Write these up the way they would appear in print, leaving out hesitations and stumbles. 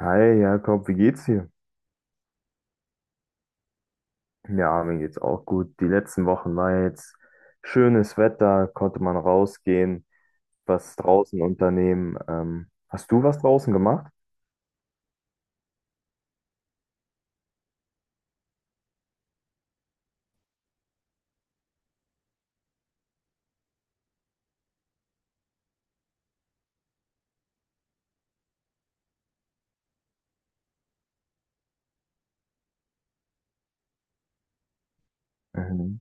Hi Jakob, wie geht's dir? Ja, mir geht's auch gut. Die letzten Wochen war jetzt schönes Wetter, konnte man rausgehen, was draußen unternehmen. Hast du was draußen gemacht? Mhm.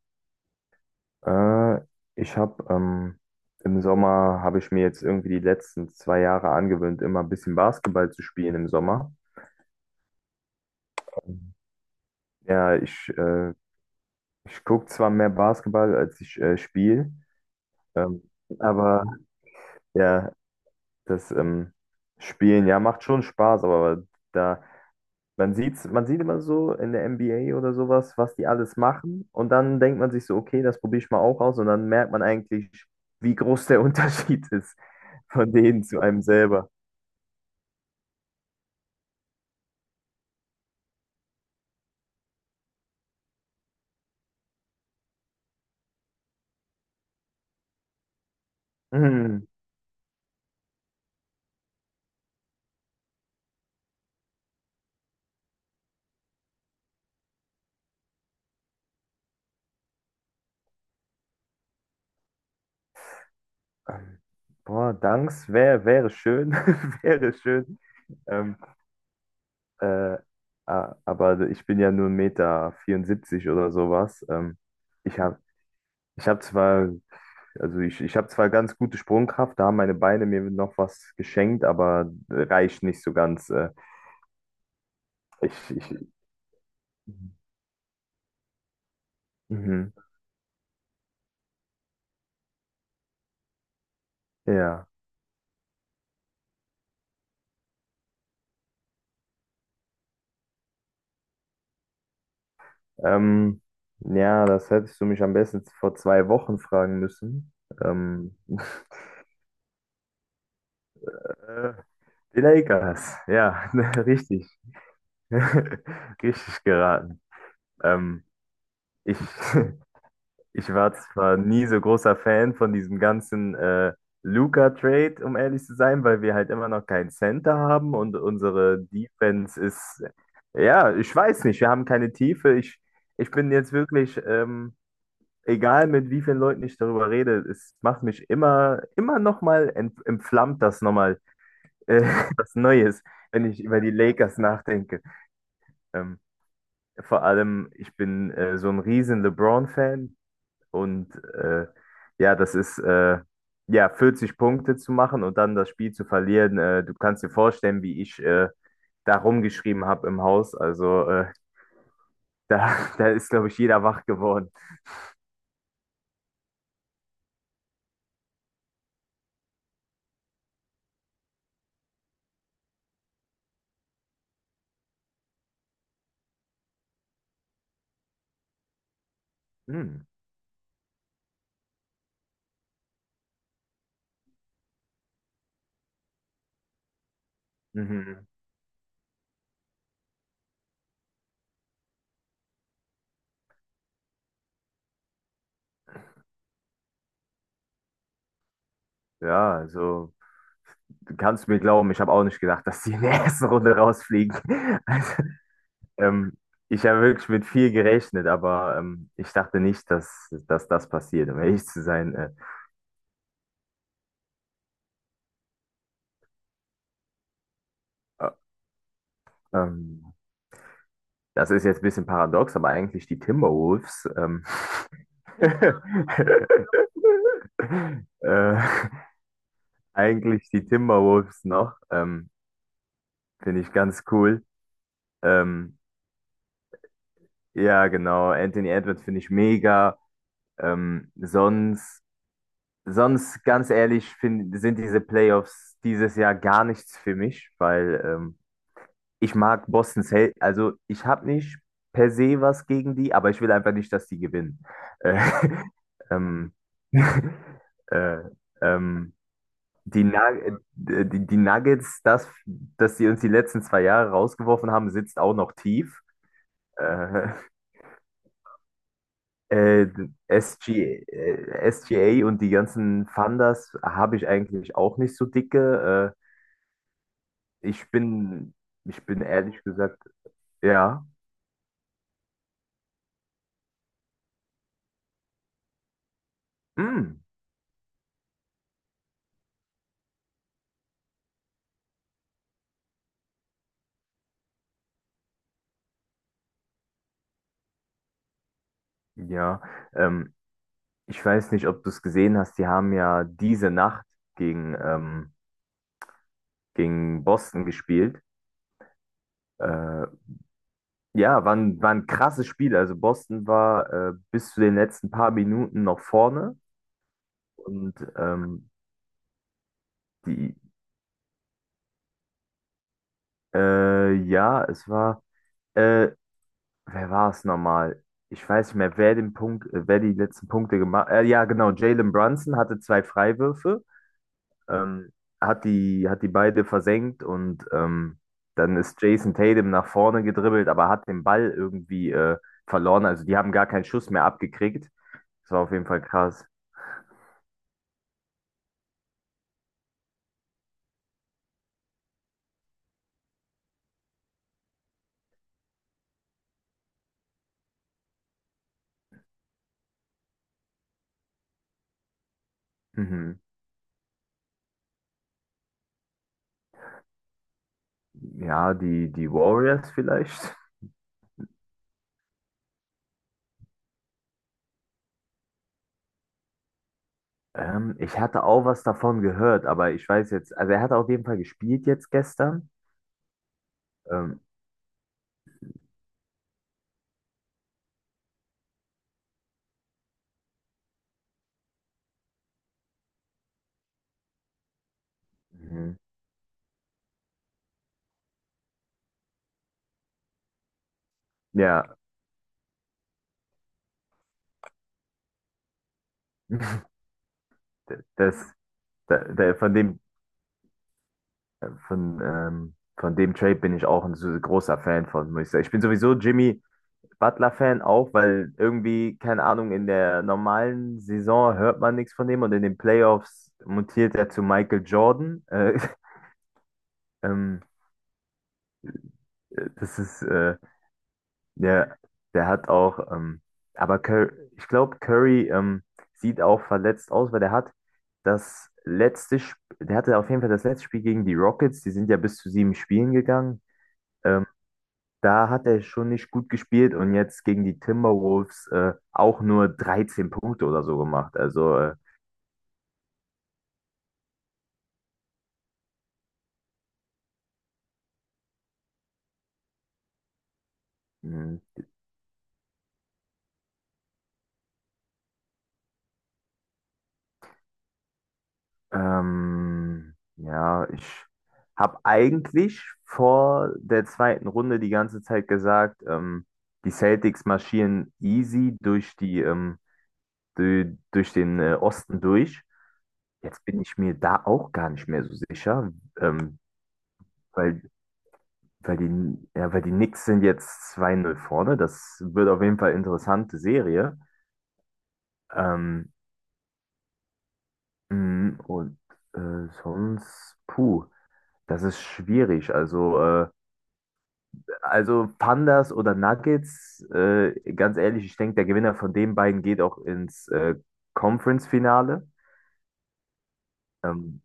Äh, ich habe Im Sommer habe ich mir jetzt irgendwie die letzten 2 Jahre angewöhnt, immer ein bisschen Basketball zu spielen im Sommer. Mhm. Ja, ich gucke zwar mehr Basketball, als ich spiele, ähm, aber ja, das Spielen, ja, macht schon Spaß, aber da, man sieht immer so in der NBA oder sowas, was die alles machen. Und dann denkt man sich so, okay, das probiere ich mal auch aus. Und dann merkt man eigentlich, wie groß der Unterschied ist von denen zu einem selber. Hm, ähm, Boah, Danks, wäre schön, wäre schön. Ähm, äh, aber ich bin ja nur 1,74 Meter vierundsiebzig oder sowas. Ich habe ich hab zwar Also ich habe zwar ganz gute Sprungkraft, da haben meine Beine mir noch was geschenkt, aber reicht nicht so ganz. Ich, ich, mhm, ja. Ähm, ja, das hättest du mich am besten vor 2 Wochen fragen müssen. Ähm, äh, Die Lakers, ja, richtig. Richtig geraten. Ähm, ich, Ich war zwar nie so großer Fan von diesem ganzen Luka-Trade, um ehrlich zu sein, weil wir halt immer noch keinen Center haben und unsere Defense ist, ja, ich weiß nicht, wir haben keine Tiefe. Ich bin jetzt wirklich, egal mit wie vielen Leuten ich darüber rede, es macht mich immer, immer nochmal, entflammt das nochmal, äh, was Neues, wenn ich über die Lakers nachdenke. Ähm, Vor allem, ich bin so ein riesen LeBron-Fan. Und ja, das ist ja 40 Punkte zu machen und dann das Spiel zu verlieren. Du kannst dir vorstellen, wie ich da rumgeschrien habe im Haus. Also da ist, glaube ich, jeder wach geworden. Hm. Mhm. Ja, also du kannst mir glauben, ich habe auch nicht gedacht, dass die in der ersten Runde rausfliegen. Also, ähm, ich habe wirklich mit viel gerechnet, aber ich dachte nicht, dass das passiert, um ehrlich zu sein. Äh, ähm, Das ist jetzt ein bisschen paradox, aber äh, eigentlich die Timberwolves noch, finde ich ganz cool. Ähm, ja, genau, Anthony Edwards finde ich mega. Ähm, sonst, sonst, ganz ehrlich, sind diese Playoffs dieses Jahr gar nichts für mich, weil ich mag Boston Celtics, also ich habe nicht per se was gegen die, aber ich will einfach nicht, dass die gewinnen. Äh, ähm, äh, ähm, die, Nug- die Nuggets, dass sie uns die letzten 2 Jahre rausgeworfen haben, sitzt auch noch tief. Äh, äh, SGA und die ganzen Funders habe ich eigentlich auch nicht so dicke. Äh, ich bin, ich bin ehrlich gesagt, ja, mm, ja. Ähm, Ich weiß nicht, ob du es gesehen hast, die haben ja diese Nacht gegen, ähm, gegen Boston gespielt. Äh, ja, war ein krasses Spiel. Also Boston war bis zu den letzten paar Minuten noch vorne. Und die, ja, es war, äh, Wer war es nochmal? Ich weiß nicht mehr, wer die letzten Punkte gemacht hat. Ja, genau, Jalen Brunson hatte zwei Freiwürfe, ähm, hat die beide versenkt und dann ist Jason Tatum nach vorne gedribbelt, aber hat den Ball irgendwie verloren. Also die haben gar keinen Schuss mehr abgekriegt. Das war auf jeden Fall krass. Mhm. Ja, die Warriors vielleicht. Ich hatte auch was davon gehört, aber ich weiß jetzt, also er hat auf jeden Fall gespielt jetzt gestern. Ähm, mhm. Ja, d- das, da, da, von dem Trade bin ich auch ein so großer Fan von, muss ich sagen. Ich bin sowieso Jimmy, Butler-Fan auch, weil irgendwie, keine Ahnung, in der normalen Saison hört man nichts von dem und in den Playoffs mutiert er zu Michael Jordan. Ähm, das ist, äh, der, der hat auch, aber Cur Ich glaube, Curry sieht auch verletzt aus, weil der hatte auf jeden Fall das letzte Spiel gegen die Rockets, die sind ja bis zu sieben Spielen gegangen. Ähm, Da hat er schon nicht gut gespielt und jetzt gegen die Timberwolves auch nur 13 Punkte oder so gemacht. Also, mh, ja, ich habe eigentlich vor der zweiten Runde die ganze Zeit gesagt, die Celtics marschieren easy durch den Osten durch. Jetzt bin ich mir da auch gar nicht mehr so sicher, ähm, weil weil die Knicks sind jetzt 2-0 vorne. Das wird auf jeden Fall eine interessante Serie. Ähm, und sonst, puh, das ist schwierig. Also, Pandas oder Nuggets, ganz ehrlich, ich denke, der Gewinner von den beiden geht auch ins Conference-Finale. Ähm,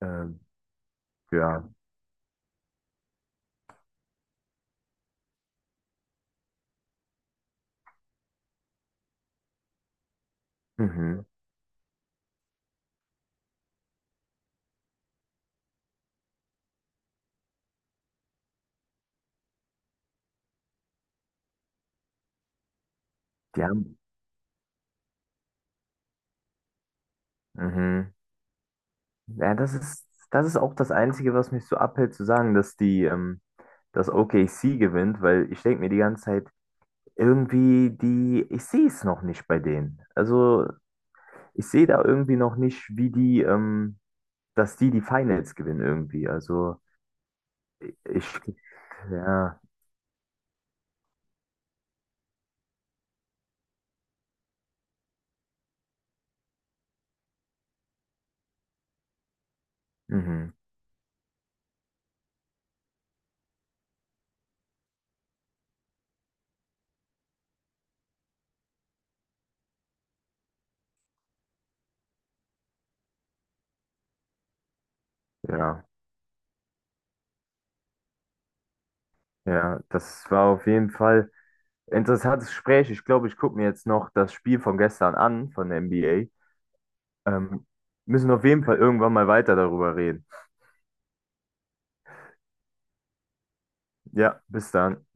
ähm, ja, mhm. Die haben, mhm. Ja, das ist auch das Einzige, was mich so abhält, zu sagen, dass OKC gewinnt, weil ich denke mir die ganze Zeit, ich sehe es noch nicht bei denen. Also ich sehe da irgendwie noch nicht, dass die die Finals gewinnen irgendwie. Also ich, ja, mhm, ja, ja, das war auf jeden Fall ein interessantes Gespräch. Ich glaube, ich gucke mir jetzt noch das Spiel von gestern an, von der NBA. Ähm, Müssen auf jeden Fall irgendwann mal weiter darüber reden. Ja, bis dann.